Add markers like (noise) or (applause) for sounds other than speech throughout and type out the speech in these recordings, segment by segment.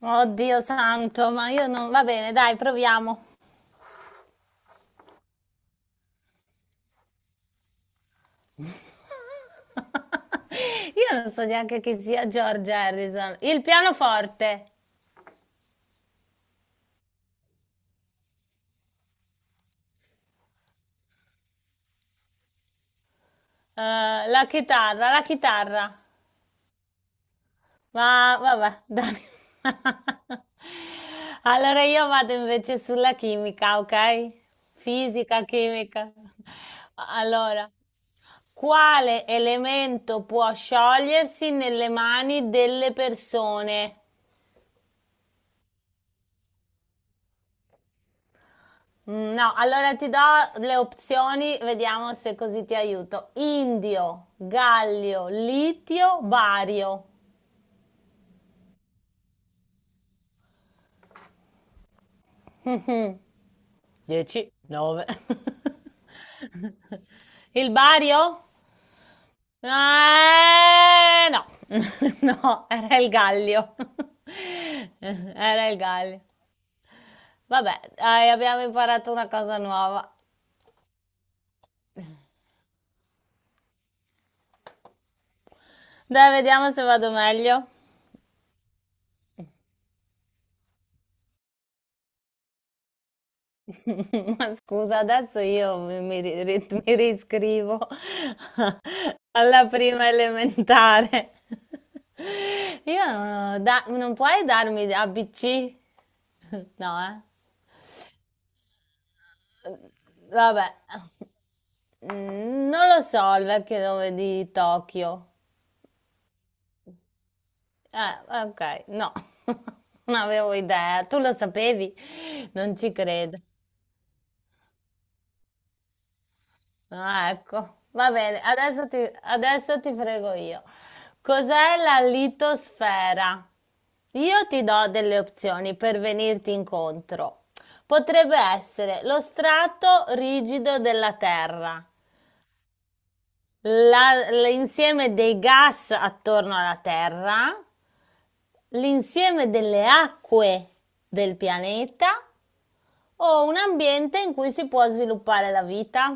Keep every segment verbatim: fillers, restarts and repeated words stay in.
Oddio santo, ma io non... Va bene, dai, proviamo. (laughs) Io non so neanche chi sia George Harrison. Il pianoforte, eh, la chitarra, la chitarra. Ma vabbè, dai. (laughs) Allora io vado invece sulla chimica, ok? Fisica, chimica. Allora, quale elemento può sciogliersi nelle mani delle persone? Mm, No, allora ti do le opzioni, vediamo se così ti aiuto. Indio, gallio, litio, bario. dieci, nove. (laughs) Il bario? Eh, no, (laughs) no, era il gallio. (laughs) Era il gallio. Vabbè, dai, abbiamo imparato una cosa nuova. Dai, vediamo se vado meglio. Scusa, adesso io mi, mi ri- ri- mi riscrivo (laughs) alla prima elementare. (laughs) Io non, ho da- Non puoi darmi A B C? (laughs) No, eh? Vabbè. Mm, non lo so il vecchio nome di Tokyo. Eh, ok, no, (laughs) non avevo idea. Tu lo sapevi? Non ci credo. Ah, ecco. Va bene, adesso ti, adesso ti frego io. Cos'è la litosfera? Io ti do delle opzioni per venirti incontro. Potrebbe essere lo strato rigido della Terra, la- l'insieme dei gas attorno alla Terra, l'insieme delle acque del pianeta o un ambiente in cui si può sviluppare la vita.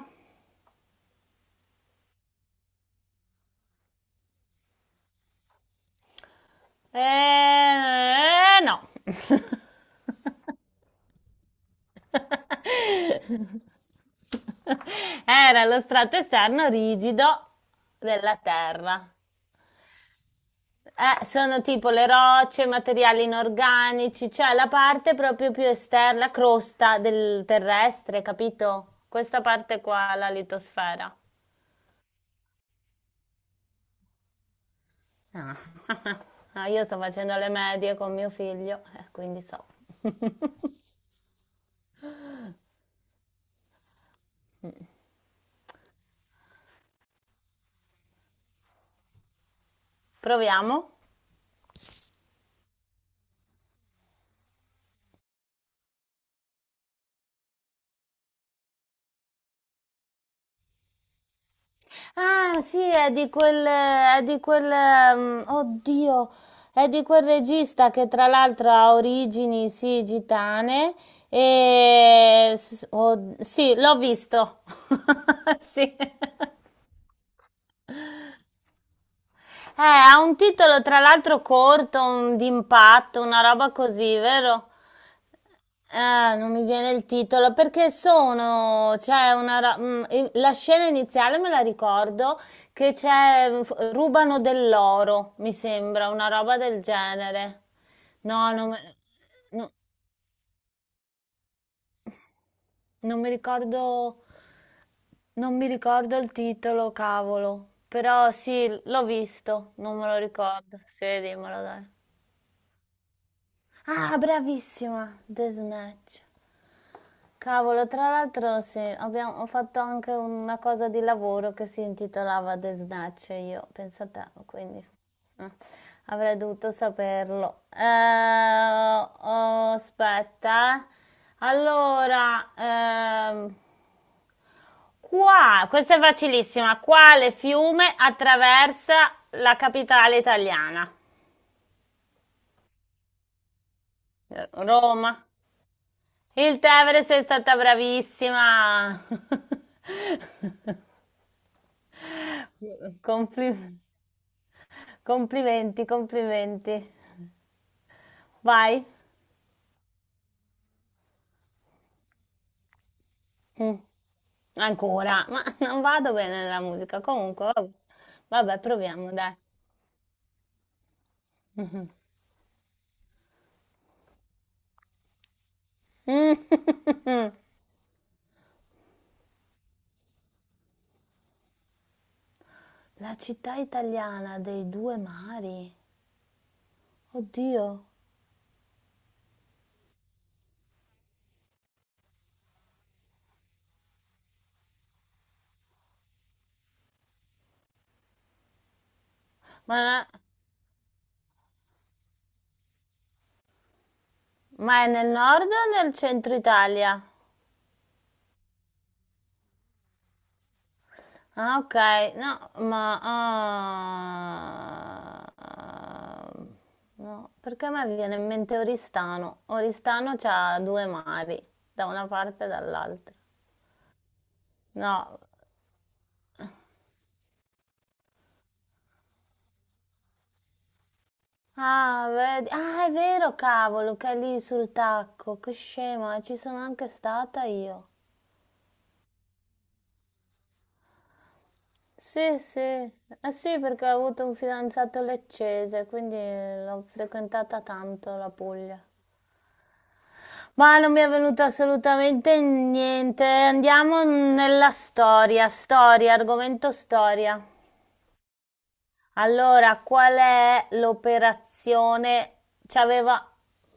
Eh, eh, no. (laughs) (laughs) Era lo strato esterno rigido della terra. Eh, sono tipo le rocce, materiali inorganici, cioè la parte proprio più esterna, la crosta del terrestre, capito? Questa parte qua, la litosfera. Ah. (laughs) Ah, io sto facendo le medie con mio figlio, eh, quindi so. (laughs) Proviamo. Ah, sì, è di quel, è di quel, ehm, oddio, è di quel regista che tra l'altro ha origini, sì, gitane e s- od- sì, l'ho visto. (laughs) Sì. Eh, ha un titolo tra l'altro corto, un- d'impatto, una roba così, vero? Ah, non mi viene il titolo perché sono, c'è una, ra- mm, i- la scena iniziale me la ricordo che c'è, mm, f- rubano dell'oro, mi sembra, una roba del genere. No, non, me- no, non mi ricordo, non mi ricordo il titolo, cavolo. Però sì, l'ho visto, non me lo ricordo. Sì, dimmelo, dai. Ah, bravissima, The Snatch. Cavolo, tra l'altro sì, abbiamo- ho fatto anche una cosa di lavoro che si intitolava The Snatch, io, penso a te, quindi eh, avrei dovuto saperlo. Eh, oh, aspetta. eh. Allora, ehm, qua, questa è facilissima, quale fiume attraversa la capitale italiana? Eh, Roma. Il Tevere sei stata bravissima. (laughs) Complimenti. Complimenti, complimenti. Vai? Mm, Ancora, ma non vado bene nella musica. Comunque, vabbè. Vabbè, proviamo, dai. Mm. La città italiana dei due mari. Oddio. Ma, ma è nel nord o nel centro Italia? Ah, ok. No, ma... ah, ah, no, perché a me viene in mente Oristano. Oristano c'ha due mari, da una parte e dall'altra. No. Ah, vedi. Ah, è vero, cavolo, che è lì sul tacco. Che scema, ci sono anche stata io. Sì, sì. Eh sì, perché ho avuto un fidanzato leccese, quindi l'ho frequentata tanto la Puglia. Ma non mi è venuto assolutamente niente. Andiamo nella storia, storia, argomento storia. Allora, qual è l'operazione? C'aveva,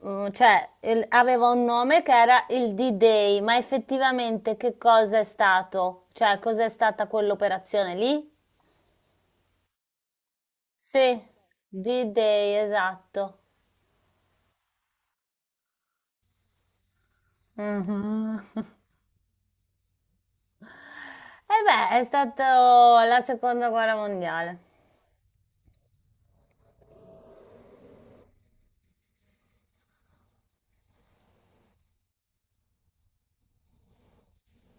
mm, cioè, il- aveva un nome che era il D-Day, ma effettivamente che cosa è stato? Cioè, cos'è stata quell'operazione lì? Sì, D-Day, esatto. Mhm. (laughs) E beh, è stata la seconda guerra mondiale.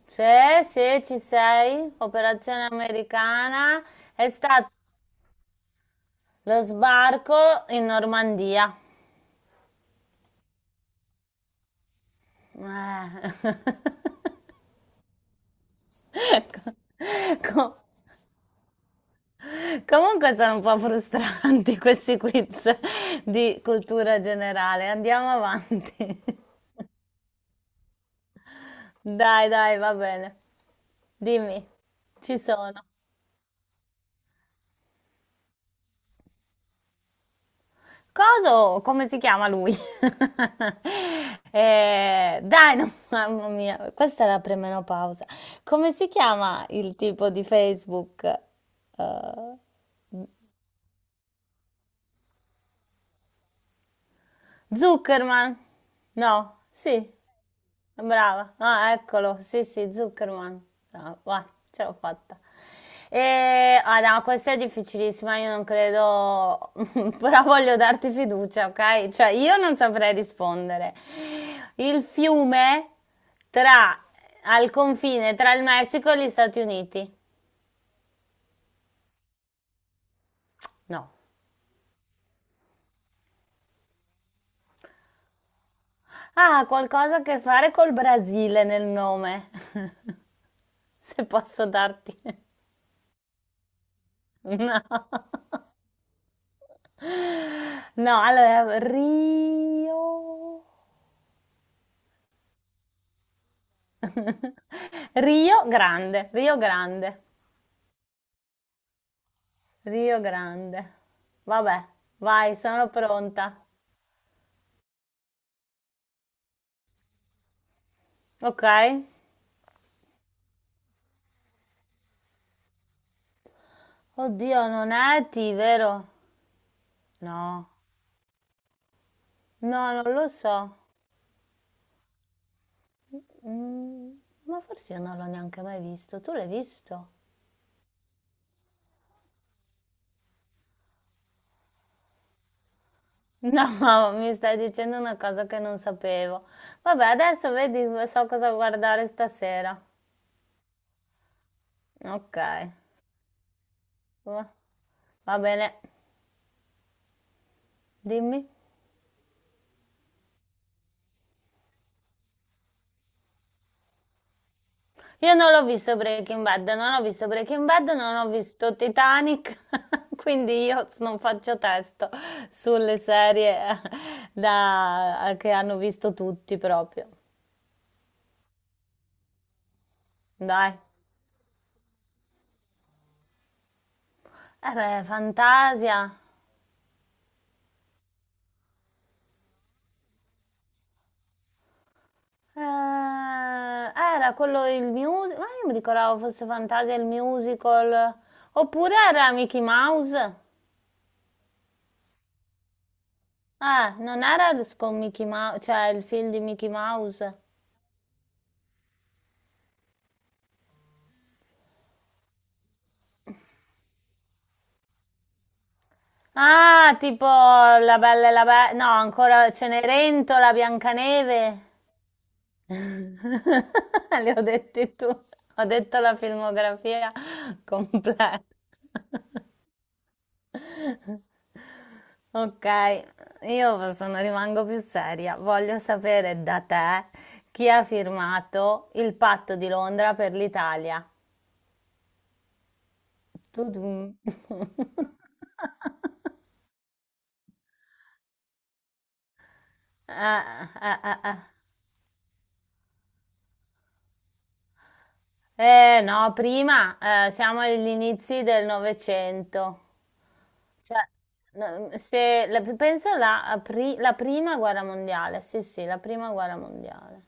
Sì, sì, ci sei. Operazione americana. È stato lo sbarco in Normandia. Eh. (laughs) Co- co- comunque sono un po' frustranti (laughs) questi quiz di cultura generale. Andiamo avanti. (laughs) Dai, dai, va bene. Dimmi, ci sono. Coso, come si chiama lui? (laughs) Eh, dai, no, (laughs) mamma mia, questa è la premenopausa. Come si chiama il tipo di Facebook? Eh, Zuckerman? No, sì. Brava, ah eccolo, sì sì, Zuckerman, brava, vai, ce l'ho fatta. E, ah no, questa è difficilissima, io non credo, (laughs) però voglio darti fiducia, ok? Cioè io non saprei rispondere. Il fiume tra, al confine tra il Messico e gli Stati Uniti? No. Ah, qualcosa a che fare col Brasile nel nome, (laughs) se posso darti. (laughs) No. No, allora Rio (laughs) Rio Grande, Rio Grande, Rio Grande. Vabbè, vai, sono pronta. Ok? Oddio, non è T, vero? No, no, non lo so. Mm, ma forse io non l'ho neanche mai visto. Tu l'hai visto? No, (laughs) mi stai dicendo una cosa che non sapevo. Vabbè, adesso vedi, so cosa guardare stasera. Ok. Va- Va bene, dimmi. Io non l'ho visto Breaking Bad, non ho visto Breaking Bad, non ho visto Titanic, (laughs) quindi io non faccio testo sulle serie da- che hanno visto tutti proprio. Dai. Eh beh, Fantasia. Eh, era quello il musical, ma io mi ricordavo fosse Fantasia il musical, oppure era Mickey Mouse. Eh, non era con Mickey Mouse, cioè il film di Mickey Mouse. Ah, tipo la Bella e la Be- no, ancora Cenerentola, Biancaneve. (laughs) Le ho dette tu. Ho detto la filmografia completa. Ok, io sono, rimango più seria. Voglio sapere da te chi ha firmato il patto di Londra per l'Italia. Tudum. (laughs) Eh, eh, eh, eh. Eh, no, prima eh, siamo agli inizi del Novecento. Cioè, no, mm, se, la- penso la, pri- la prima guerra mondiale, sì, sì, la prima guerra mondiale.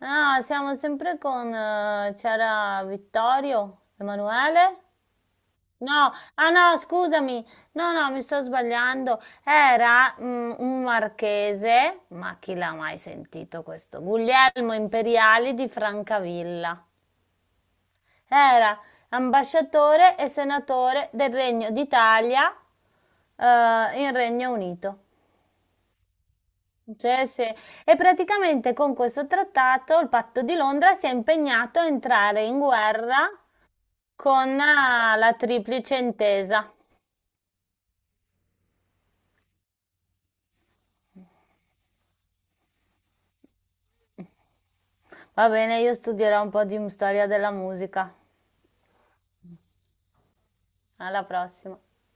Ah, siamo sempre con, eh, c'era Vittorio, Emanuele? No, ah no, scusami, no, no, mi sto sbagliando. Era mm, un marchese, ma chi l'ha mai sentito questo? Guglielmo Imperiali di Francavilla. Era ambasciatore e senatore del Regno d'Italia, eh, in Regno Unito. Cioè, se- E praticamente con questo trattato il patto di Londra si è impegnato a entrare in guerra con eh, la Triplice Intesa. Va bene, io studierò un po' di storia della musica. Alla prossima.